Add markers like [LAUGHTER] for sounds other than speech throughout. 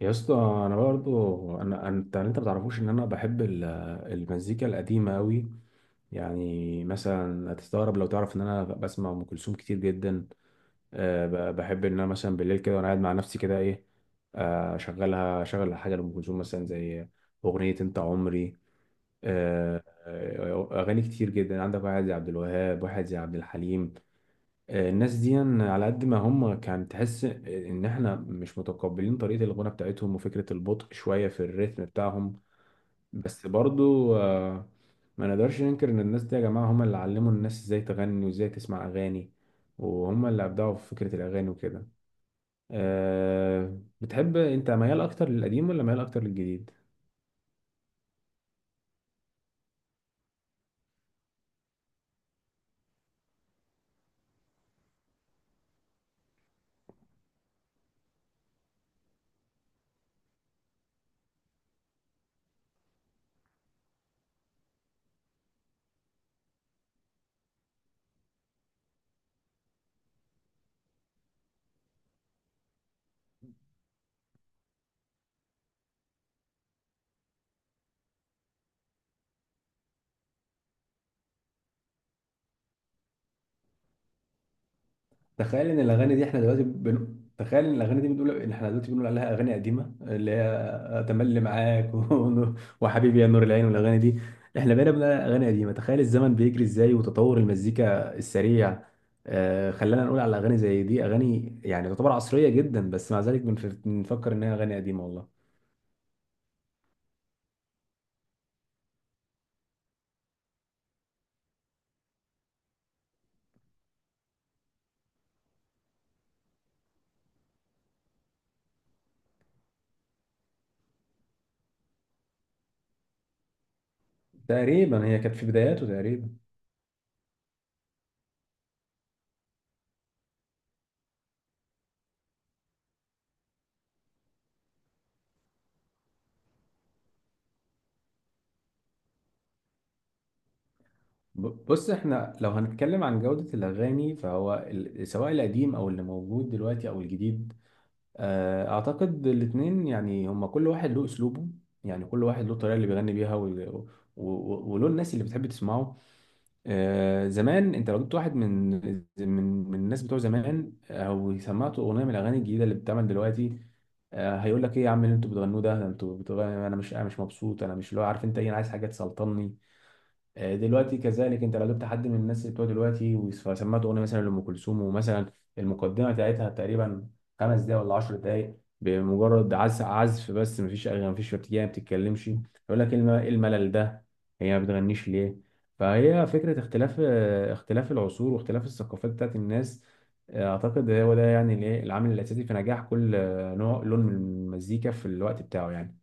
يا اسطى انا برضو انا انت انت ما تعرفوش ان انا بحب المزيكا القديمه قوي. يعني مثلا هتستغرب لو تعرف ان انا بسمع ام كلثوم كتير جدا. أه بحب ان انا مثلا بالليل كده وانا قاعد مع نفسي كده ايه. اشغلها اشغل حاجه لام كلثوم مثلا زي اغنيه انت عمري. أه آه، اغاني كتير جدا. عندك واحد زي عبد الوهاب، واحد زي عبد الحليم، الناس دي على قد ما هم كان تحس ان احنا مش متقبلين طريقة الغنى بتاعتهم وفكرة البطء شوية في الريتم بتاعهم، بس برضو ما نقدرش ننكر ان الناس دي يا جماعة هم اللي علموا الناس ازاي تغني وازاي تسمع اغاني، وهم اللي ابدعوا في فكرة الاغاني وكده. بتحب انت ميال اكتر للقديم ولا ميال اكتر للجديد؟ تخيل ان الاغاني دي احنا دلوقتي تخيل ان الاغاني دي بنقول ان احنا دلوقتي بنقول عليها اغاني قديمه، اللي هي تملي معاك [LAUGHS] وحبيبي يا نور العين والاغاني دي، احنا بقينا بنقول عليها اغاني قديمه. تخيل الزمن بيجري ازاي وتطور المزيكا السريع آه خلانا نقول على اغاني زي دي اغاني يعني تعتبر عصريه جدا، بس مع ذلك بنفكر انها اغاني قديمه والله. تقريبا هي كانت في بداياته تقريبا. بص، احنا لو هنتكلم عن جوده الاغاني فهو سواء القديم او اللي موجود دلوقتي او الجديد، اعتقد الاتنين يعني هما كل واحد له اسلوبه. يعني كل واحد له الطريقه اللي بيغني بيها وله الناس اللي بتحب تسمعه. زمان انت لو جبت واحد من من الناس بتوع زمان او سمعته اغنيه من الاغاني الجديده اللي بتتعمل دلوقتي، هيقول لك ايه يا عم اللي انتوا بتغنوه ده؟ انتوا بتغنوا انا مش مبسوط، انا مش اللي هو عارف انت ايه، انا عايز حاجه تسلطني. دلوقتي كذلك انت لو جبت حد من الناس اللي بتوع دلوقتي وسمعت اغنيه مثلا لام كلثوم، ومثلا المقدمه بتاعتها تقريبا خمس دقايق ولا 10 دقايق بمجرد عزف عزف بس، مفيش اغاني مفيش ارتجال ما بتتكلمش، يقول لك إيه الملل ده؟ هي ما بتغنيش ليه؟ فهي فكره اختلاف اختلاف العصور واختلاف الثقافات بتاعت الناس. اعتقد هو ده يعني الايه العامل الاساسي في نجاح كل نوع لون من المزيكا في الوقت بتاعه يعني.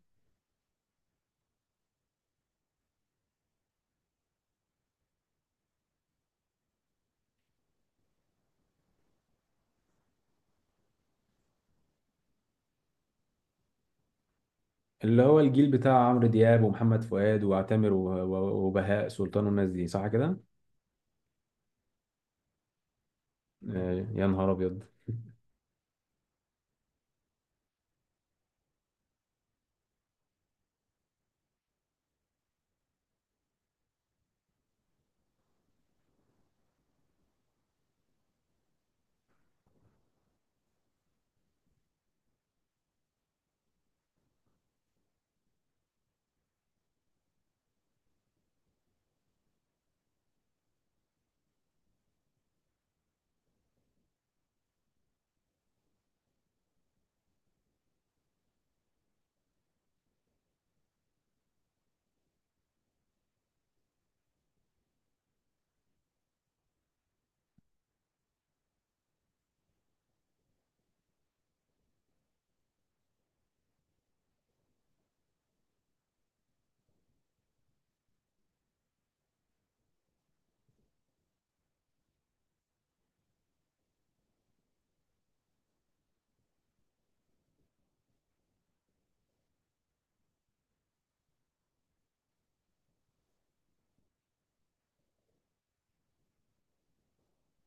اللي هو الجيل بتاع عمرو دياب ومحمد فؤاد وعتامر وبهاء سلطان والناس دي صح كده؟ يا نهار أبيض.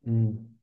مم.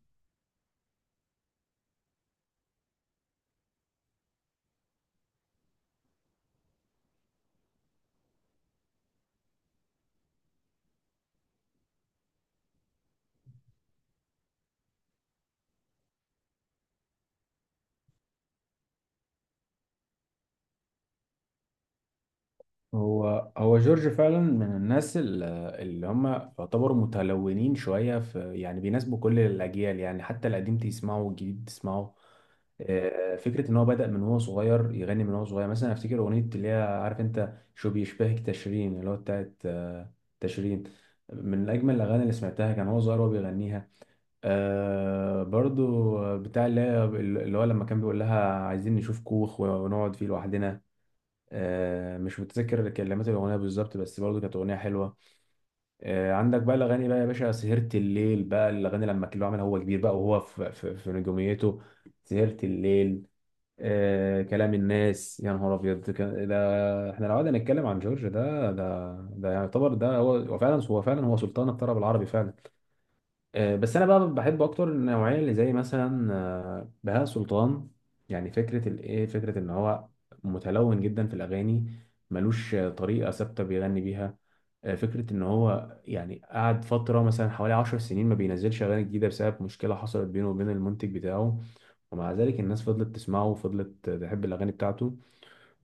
هو هو جورج فعلا من الناس اللي هم يعتبروا متلونين شوية، في يعني بيناسبوا كل الأجيال، يعني حتى القديم تسمعه والجديد تسمعه. فكرة إن هو بدأ من هو صغير يغني، من هو صغير مثلا أفتكر أغنية اللي هي عارف أنت شو بيشبهك تشرين، اللي هو بتاعت تشرين، من أجمل الأغاني اللي سمعتها كان هو صغير وهو بيغنيها. آه برضو بتاع اللي هو لما كان بيقول لها عايزين نشوف كوخ ونقعد فيه لوحدنا. آه مش متذكر كلمات الأغنية بالظبط بس برضو كانت أغنية حلوة. آه عندك بقى الأغاني بقى يا باشا، سهرت الليل، بقى الأغاني لما كان هو عملها هو كبير بقى وهو في نجوميته. سهرت الليل، آه كلام الناس، يا نهار أبيض. ده احنا لو قعدنا نتكلم عن جورج ده ده ده يعتبر ده هو هو فعلا هو فعلا هو سلطان الطرب العربي فعلا. بس انا بقى بحب اكتر النوعيه اللي زي مثلا بهاء سلطان. يعني فكره الايه فكره ان هو متلون جدا في الاغاني، ملوش طريقه ثابته بيغني بيها. فكره ان هو يعني قعد فتره مثلا حوالي عشر سنين ما بينزلش اغاني جديده بسبب مشكله حصلت بينه وبين المنتج بتاعه، ومع ذلك الناس فضلت تسمعه وفضلت تحب الاغاني بتاعته.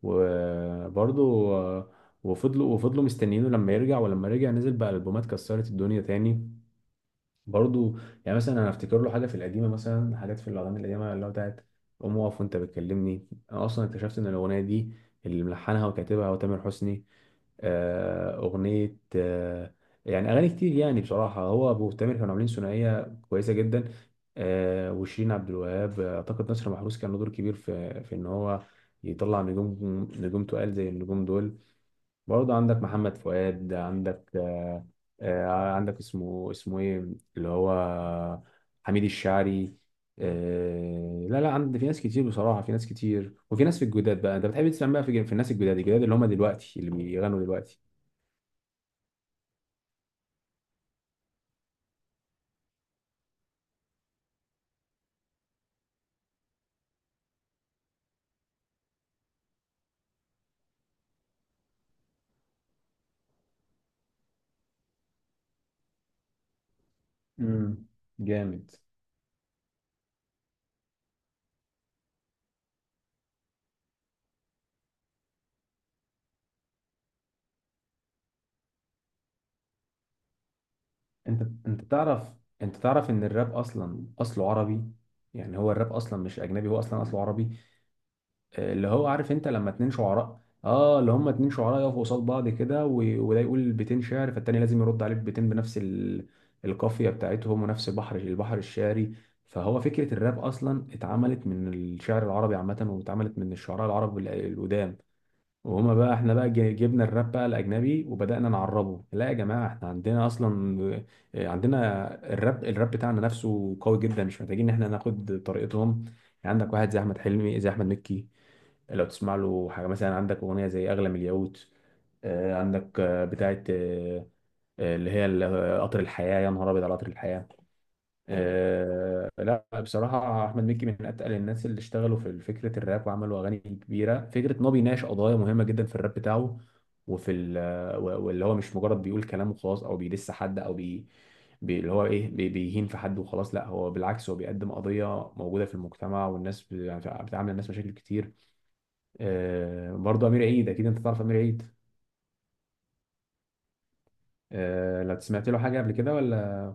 وبرضه وفضلوا مستنيينه لما يرجع، ولما رجع نزل بقى البومات كسرت الدنيا تاني. برضو يعني مثلا انا افتكر له حاجه في القديمه، مثلا حاجات في الاغاني القديمه اللي هو بتاعت قوم اقف وانت بتكلمني، انا اصلا اكتشفت ان الاغنيه دي اللي ملحنها وكاتبها هو تامر حسني. آه، اغنيه آه، يعني اغاني كتير. يعني بصراحه هو ابو تامر كانوا عاملين ثنائيه كويسه جدا. وشيرين عبد الوهاب اعتقد نصر محروس كان له دور كبير في ان هو يطلع نجوم، نجوم تقال زي النجوم دول. برضه عندك محمد فؤاد، عندك آه، آه، عندك اسمه اسمه ايه، اللي هو حميد الشاعري. آه، لا لا عند في ناس كتير بصراحة، في ناس كتير، وفي ناس في الجداد بقى. انت بتحب تسمع بقى في الناس الجداد اللي هم دلوقتي اللي بيغنوا دلوقتي؟ امم، جامد. انت انت تعرف انت تعرف ان الراب اصلا اصله عربي. يعني هو الراب اصلا مش اجنبي، هو اصلا اصله عربي. اللي هو عارف انت لما اتنين شعراء اه اللي هما اتنين شعراء يقفوا قصاد بعض كده، وده يقول بيتين شعر فالتاني لازم يرد عليه ببيتين بنفس القافية بتاعتهم ونفس البحر الشعري. فهو فكرة الراب أصلا اتعملت من الشعر العربي عامة، واتعملت من الشعراء العرب القدام. وهما بقى احنا بقى جبنا الراب بقى الاجنبي وبدانا نعربه. لا يا جماعه احنا عندنا اصلا عندنا الراب، بتاعنا نفسه قوي جدا، مش محتاجين ان احنا ناخد طريقتهم. يعني عندك واحد زي احمد حلمي، زي احمد مكي. لو تسمع له حاجه مثلا عندك اغنيه زي اغلى من الياقوت، آه، عندك آه، بتاعه آه، آه، اللي هي قطر الحياه، يا نهار ابيض على قطر الحياه. آه لا بصراحة أحمد مكي من أتقل الناس اللي اشتغلوا في فكرة الراب وعملوا أغاني كبيرة. فكرة إن هو بيناقش قضايا مهمة جدا في الراب بتاعه وفي ال- واللي هو مش مجرد بيقول كلام وخلاص، أو بيدس حد، اللي هو إيه بيهين في حد وخلاص. لا هو بالعكس، هو بيقدم قضية موجودة في المجتمع، والناس يعني بتعامل الناس مشاكل كتير. آه برضه أمير عيد، أكيد أنت تعرف أمير عيد؟ آه لا سمعت له حاجة قبل كده ولا؟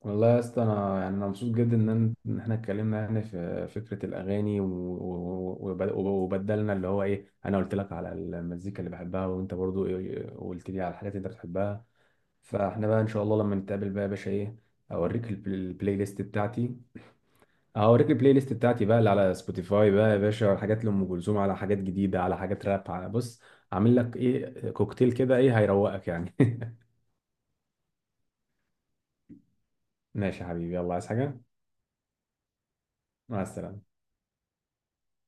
والله يا اسطى انا يعني انا مبسوط جدا ان إن احنا اتكلمنا يعني في فكره الاغاني وبدلنا، اللي هو ايه، انا قلت لك على المزيكا اللي بحبها وانت برضو إيه قلت لي على الحاجات اللي انت بتحبها. فاحنا بقى ان شاء الله لما نتقابل بقى يا باشا ايه، اوريك البلاي ليست بتاعتي. هوريك البلاي ليست بتاعتي بقى اللي على سبوتيفاي بقى يا باشا، على حاجات لام كلثوم، على حاجات جديده، على حاجات راب، على بص، عامل لك ايه كوكتيل كده ايه هيروقك يعني. [LAUGHS] ماشي يا حبيبي، يلا عايز حاجه؟ مع السلامه.